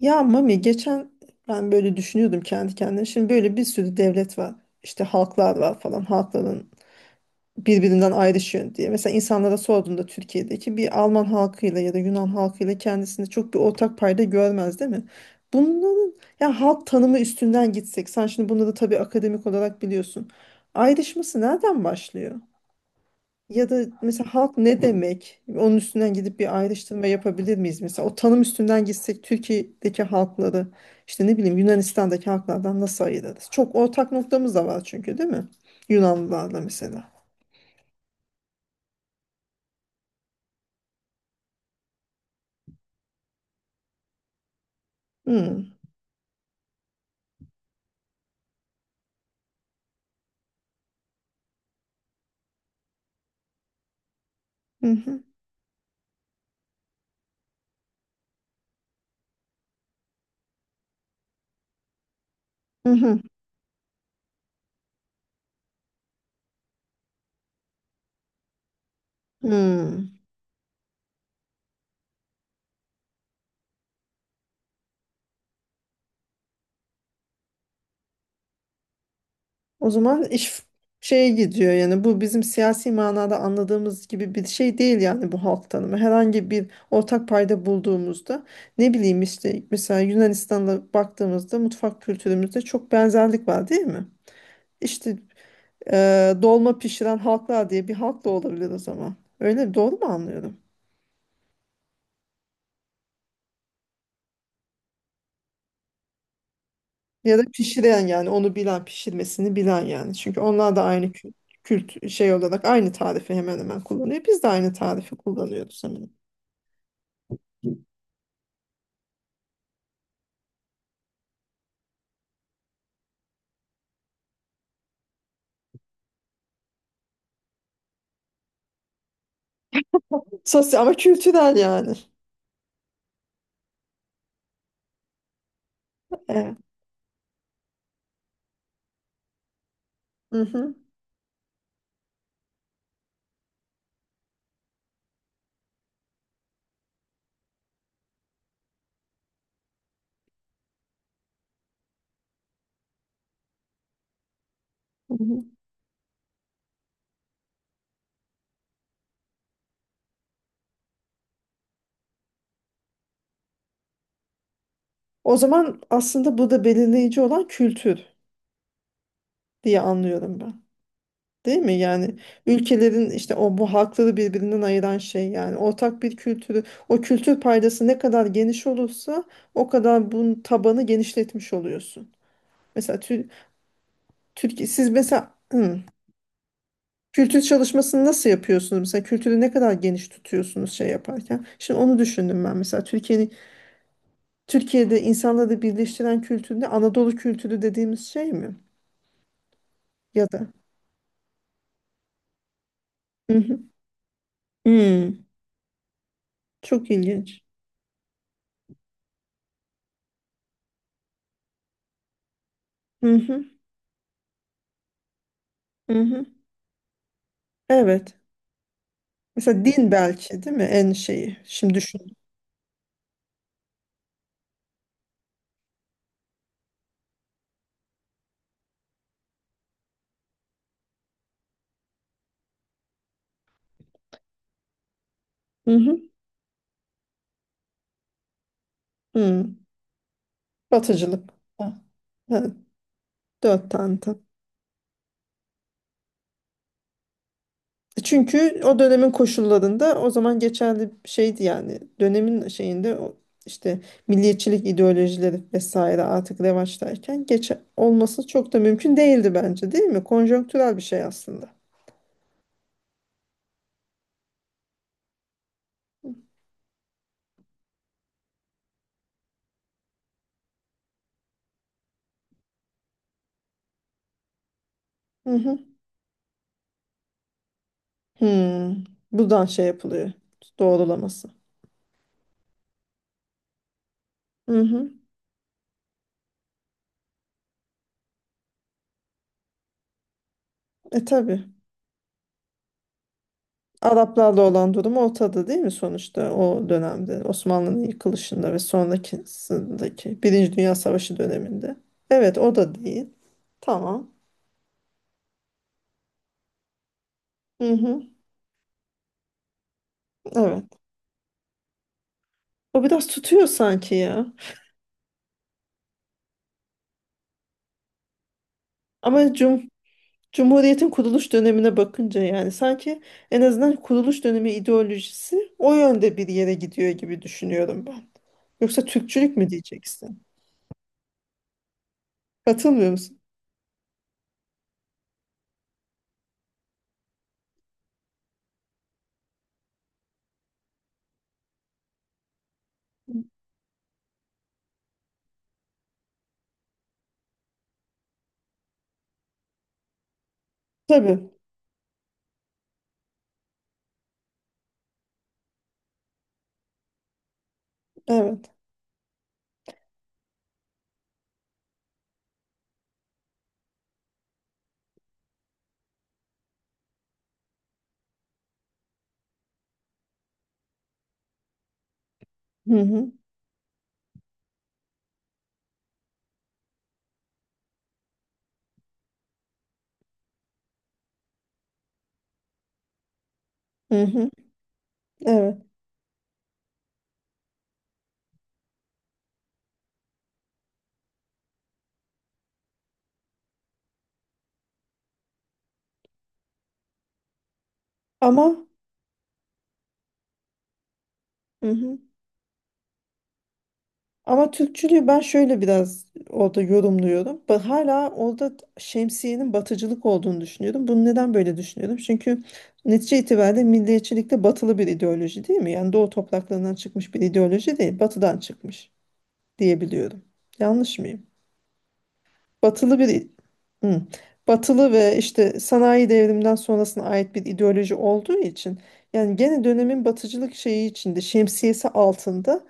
Ya Mami geçen ben böyle düşünüyordum kendi kendime. Şimdi böyle bir sürü devlet var. İşte halklar var falan. Halkların birbirinden ayrışıyor diye. Mesela insanlara sorduğunda Türkiye'deki bir Alman halkıyla ya da Yunan halkıyla kendisinde çok bir ortak payda görmez değil mi? Bunların ya halk tanımı üstünden gitsek. Sen şimdi bunları tabii akademik olarak biliyorsun. Ayrışması nereden başlıyor? Ya da mesela halk ne demek? Onun üstünden gidip bir ayrıştırma yapabilir miyiz? Mesela o tanım üstünden gitsek Türkiye'deki halkları işte ne bileyim Yunanistan'daki halklardan nasıl ayırırız? Çok ortak noktamız da var çünkü değil mi? Yunanlılarla mesela. Hmm. Hı hı. Hı hı. Hmm. O zaman iş şeye gidiyor yani bu bizim siyasi manada anladığımız gibi bir şey değil yani bu halk tanımı. Herhangi bir ortak payda bulduğumuzda ne bileyim işte mesela Yunanistan'la baktığımızda mutfak kültürümüzde çok benzerlik var değil mi? İşte dolma pişiren halklar diye bir halk da olabilir o zaman. Öyle mi? Doğru mu anlıyorum? Ya da pişiren yani onu bilen pişirmesini bilen yani. Çünkü onlar da aynı kült kült şey olarak aynı tarifi hemen hemen kullanıyor. Biz de aynı tarifi kullanıyoruz hemen. Sosyal ama kültürel yani. Evet. Hı hı. Hı hı. O zaman aslında burada belirleyici olan kültür diye anlıyorum ben. Değil mi yani ülkelerin işte o bu halkları birbirinden ayıran şey yani ortak bir kültürü, o kültür paydası ne kadar geniş olursa o kadar bunun tabanı genişletmiş oluyorsun. Mesela Türkiye siz mesela kültür çalışmasını nasıl yapıyorsunuz? Mesela kültürü ne kadar geniş tutuyorsunuz şey yaparken? Şimdi onu düşündüm ben mesela Türkiye'nin Türkiye'de insanları birleştiren kültür ne? Anadolu kültürü dediğimiz şey mi? Ya da hı hı. Hmm, Çok ilginç. Hı hı, hı hı. Evet. Mesela din belki değil mi en şeyi? Şimdi düşün. Hı hı. Hı. Batıcılık. Ha. Ha, dört tane. Tam. Çünkü o dönemin koşullarında o zaman geçerli bir şeydi yani. Dönemin şeyinde o işte milliyetçilik ideolojileri vesaire artık revaçtayken geç olması çok da mümkün değildi bence değil mi? Konjonktürel bir şey aslında. Hı hı. Hı. Buradan şey yapılıyor. Doğrulaması. Hı hı. Tabii. Araplarla olan durum ortada değil mi sonuçta o dönemde Osmanlı'nın yıkılışında ve sonrakisindeki Birinci Dünya Savaşı döneminde. Evet o da değil. Tamam. Hı hı, evet. O biraz tutuyor sanki ya. Ama Cumhuriyet'in kuruluş dönemine bakınca yani sanki en azından kuruluş dönemi ideolojisi o yönde bir yere gidiyor gibi düşünüyorum ben. Yoksa Türkçülük mü diyeceksin? Katılmıyor musun? Tabii. Evet. Hı hı. Hı hı. Evet. Ama hı hı. Ama Türkçülüğü ben şöyle biraz orada yorumluyorum. Ben hala orada şemsiyenin batıcılık olduğunu düşünüyorum. Bunu neden böyle düşünüyorum? Çünkü netice itibariyle milliyetçilik de batılı bir ideoloji değil mi? Yani doğu topraklarından çıkmış bir ideoloji değil, batıdan çıkmış diyebiliyorum. Yanlış mıyım? Batılı bir. Hı. Batılı ve işte sanayi devriminden sonrasına ait bir ideoloji olduğu için yani gene dönemin batıcılık şeyi içinde, şemsiyesi altında,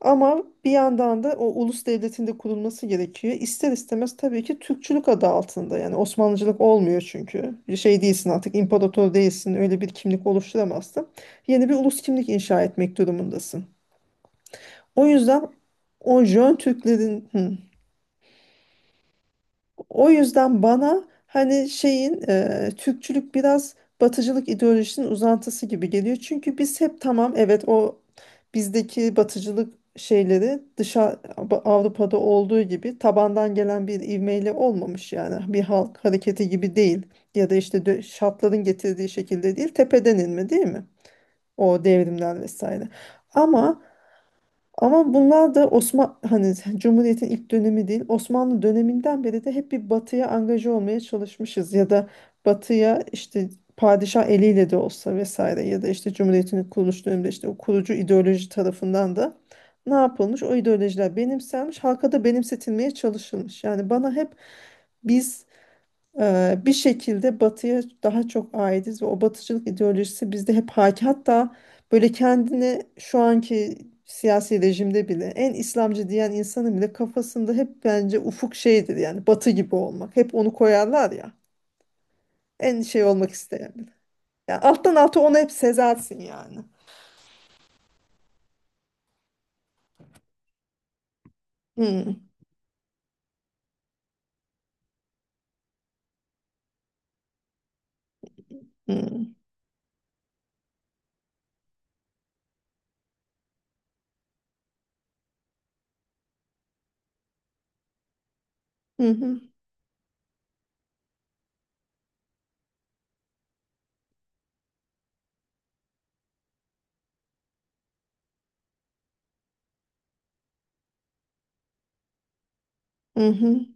ama bir yandan da o ulus devletinde kurulması gerekiyor. İster istemez tabii ki Türkçülük adı altında, yani Osmanlıcılık olmuyor çünkü bir şey değilsin, artık imparator değilsin, öyle bir kimlik oluşturamazsın. Yeni bir ulus kimlik inşa etmek durumundasın. O yüzden o Jön Türklerin hı. O yüzden bana hani şeyin Türkçülük biraz batıcılık ideolojisinin uzantısı gibi geliyor. Çünkü biz hep tamam evet o bizdeki batıcılık şeyleri dışa, Avrupa'da olduğu gibi tabandan gelen bir ivmeyle olmamış yani bir halk hareketi gibi değil, ya da işte şartların getirdiği şekilde değil, tepeden inme değil mi? O devrimler vesaire. Ama ama bunlar da hani Cumhuriyet'in ilk dönemi değil. Osmanlı döneminden beri de hep bir batıya angaje olmaya çalışmışız ya da batıya işte padişah eliyle de olsa vesaire, ya da işte Cumhuriyet'in kuruluş döneminde işte o kurucu ideoloji tarafından da ne yapılmış? O ideolojiler benimsenmiş, halka da benimsetilmeye çalışılmış. Yani bana hep biz bir şekilde batıya daha çok aitiz ve o batıcılık ideolojisi bizde hep hakim. Hatta böyle kendini şu anki siyasi rejimde bile en İslamcı diyen insanın bile kafasında hep bence ufuk şeydir yani batı gibi olmak. Hep onu koyarlar ya, en şey olmak isteyen bile. Yani alttan alta onu hep sezersin yani. Hı, hı, hı, hı, hı, hı.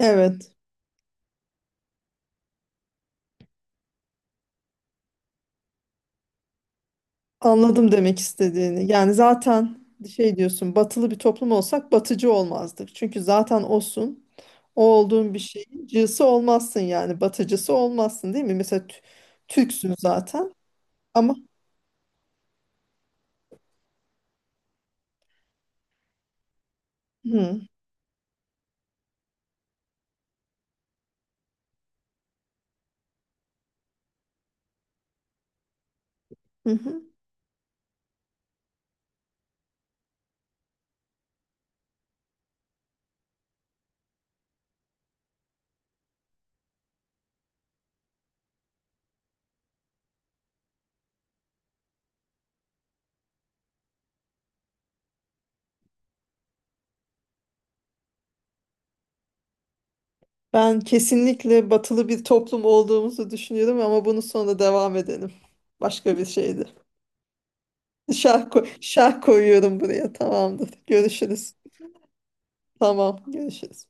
Evet, anladım demek istediğini. Yani zaten şey diyorsun, batılı bir toplum olsak batıcı olmazdık. Çünkü zaten olsun. O olduğun bir şeyin cısı olmazsın yani batıcısı olmazsın değil mi? Mesela Türksün zaten ama hı, hı hı. Ben kesinlikle batılı bir toplum olduğumuzu düşünüyorum ama bunu sonra devam edelim. Başka bir şeydi. Şarkı şarkı koyuyorum buraya, tamamdır. Görüşürüz. Tamam, görüşürüz.